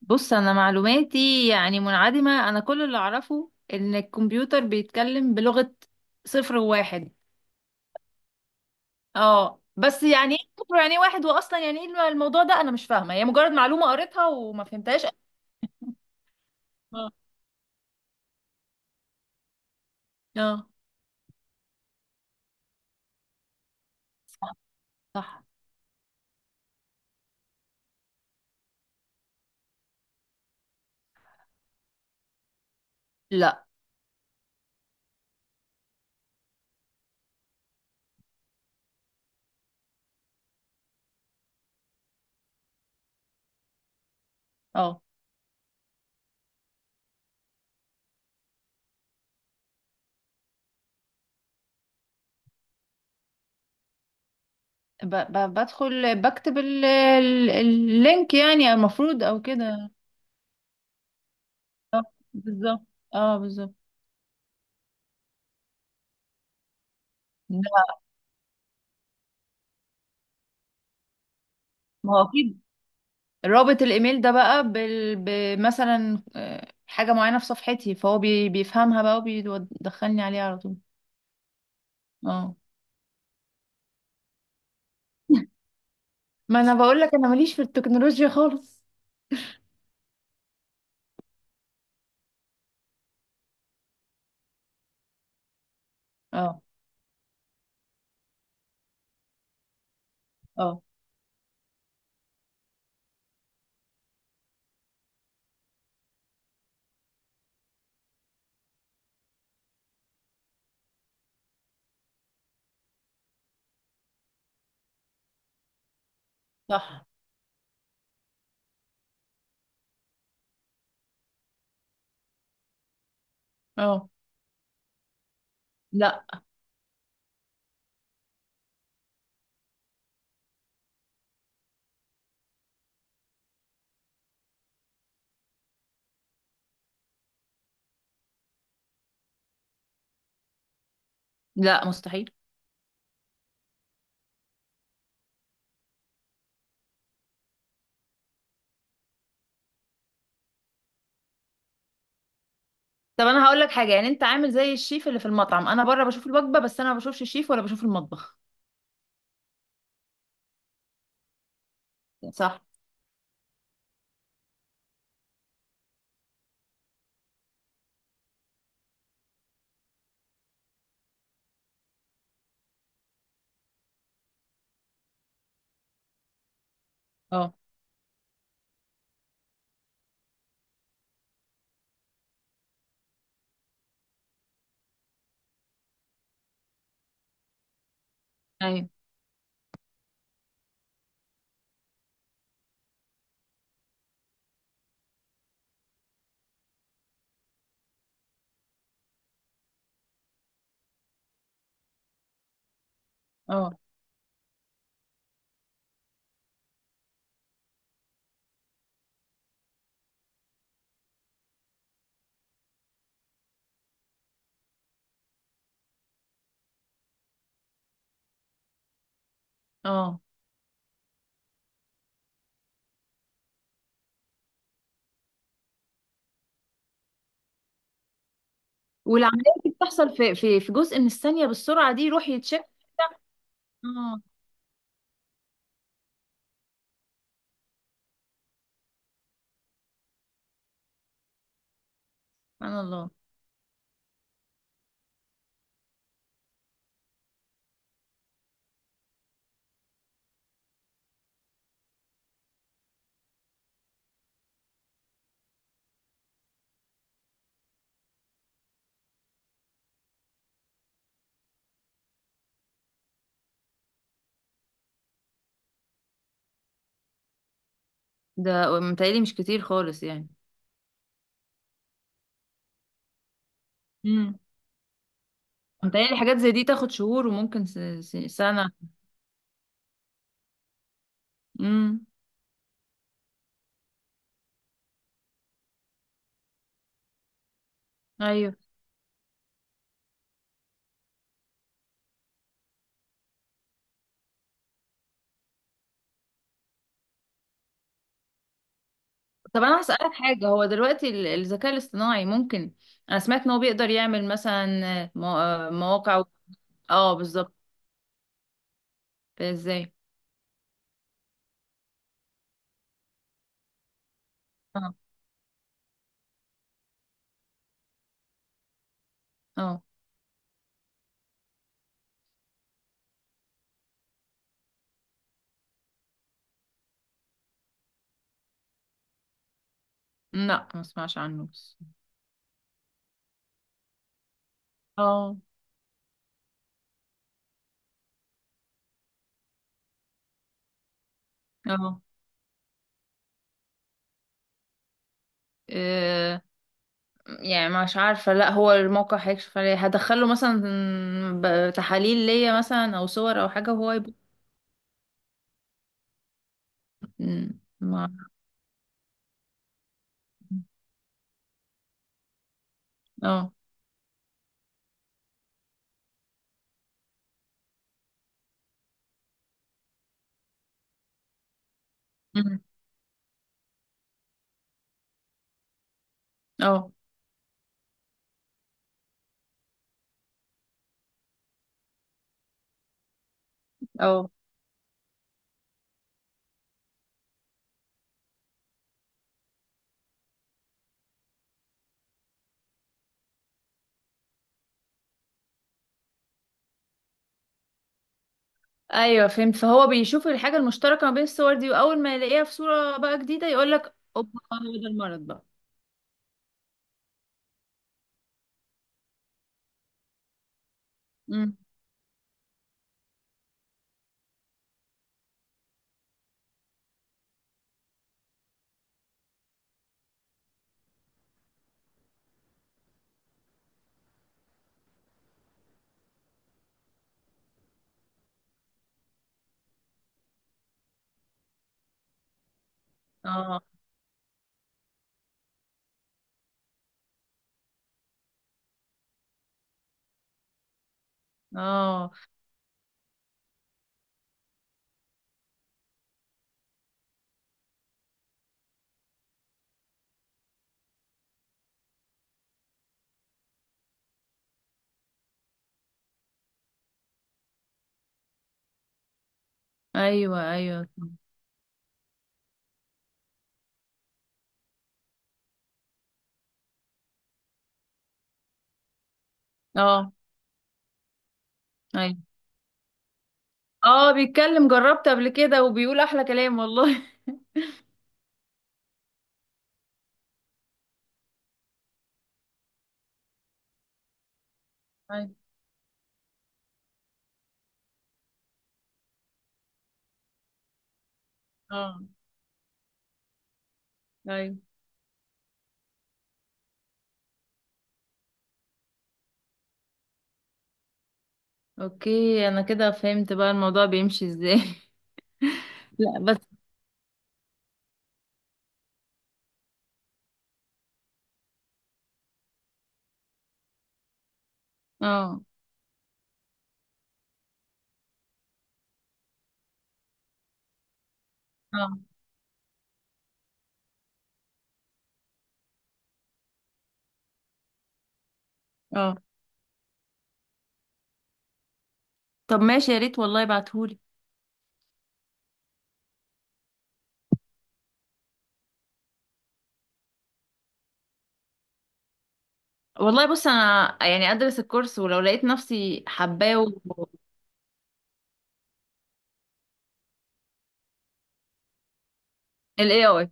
بص، انا معلوماتي يعني منعدمة. انا كل اللي اعرفه ان الكمبيوتر بيتكلم بلغة صفر وواحد. اه، بس يعني ايه صفر يعني إيه واحد، واصلا يعني ايه الموضوع ده؟ انا مش فاهمة، هي مجرد معلومة قريتها وما فهمتهاش. اه. اه. صح. صح. لا. اه. بدخل بكتب اللينك، يعني المفروض او كده. بالظبط. اه، بالظبط. لا، ما هو اكيد رابط الايميل ده بقى بمثلا حاجه معينه في صفحتي، فهو بيفهمها بقى وبيدخلني عليها على طول. اه. ما انا بقول لك انا ماليش في التكنولوجيا خالص. اه. اه. صح. اه. لا. لا، مستحيل. طب انا هقول لك حاجه، يعني انت عامل زي الشيف اللي في المطعم، انا بره بشوف الوجبه بس انا ما بشوفش الشيف ولا بشوف المطبخ. صح. اه. ايوه. اه. اه. والعمليه دي بتحصل في في جزء من الثانيه، بالسرعه دي يروح يتشك؟ اه. سبحان الله. ده متهيألي مش كتير خالص يعني. امم. متهيألي حاجات زي دي تاخد شهور وممكن سنة. امم. ايوه. طب انا هسألك حاجة، هو دلوقتي الذكاء الاصطناعي ممكن، انا سمعت ان هو بيقدر يعمل مثلا مواقع و... اه، بالظبط. ازاي؟ اه. اه. لا، ما اسمعش عنه بس. اه. اه. إيه، يعني مش عارفة. لا، هو الموقع هيكشف عليه، هدخله مثلا تحاليل ليا مثلا او صور او حاجة وهو يبقى، ما أعرف. اه. مم. اه. اه، ايوه فهمت. فهو بيشوف الحاجه المشتركه ما بين الصور دي، واول ما يلاقيها في صوره بقى جديده يقول لك اوبا، هو ده المرض بقى. امم. اه. اه. ايوه، ايوه. اه. ايوه. اه، بيتكلم، جربت قبل كده وبيقول احلى كلام والله. ايوه. اه. ايوه. اوكي، انا كده فهمت بقى الموضوع بيمشي ازاي. لا بس. اه. اه. اه. طب ماشي، يا ريت والله ابعتهولي. والله بص، انا يعني ادرس الكورس، ولو لقيت نفسي حباه و... ال AI.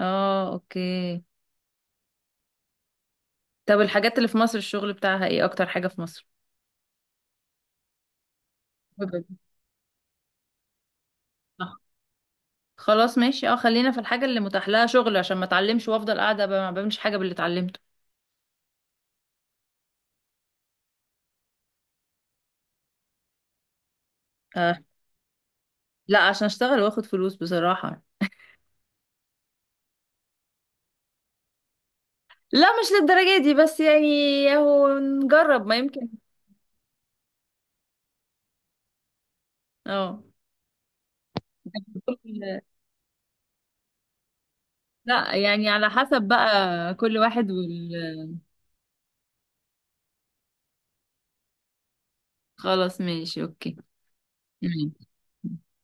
اه، اوكي. طب الحاجات اللي في مصر الشغل بتاعها ايه، اكتر حاجة في مصر؟ ويب. صح. خلاص ماشي، اه، خلينا في الحاجة اللي متاح لها شغل، عشان ما اتعلمش وافضل قاعدة ما بعملش حاجة باللي اتعلمته. آه. لا، عشان اشتغل واخد فلوس بصراحة. لا، مش للدرجة دي، بس يعني اهو نجرب ما يمكن. اه. كل- لا، يعني على حسب بقى، كل واحد. خلاص ماشي، اوكي. مم.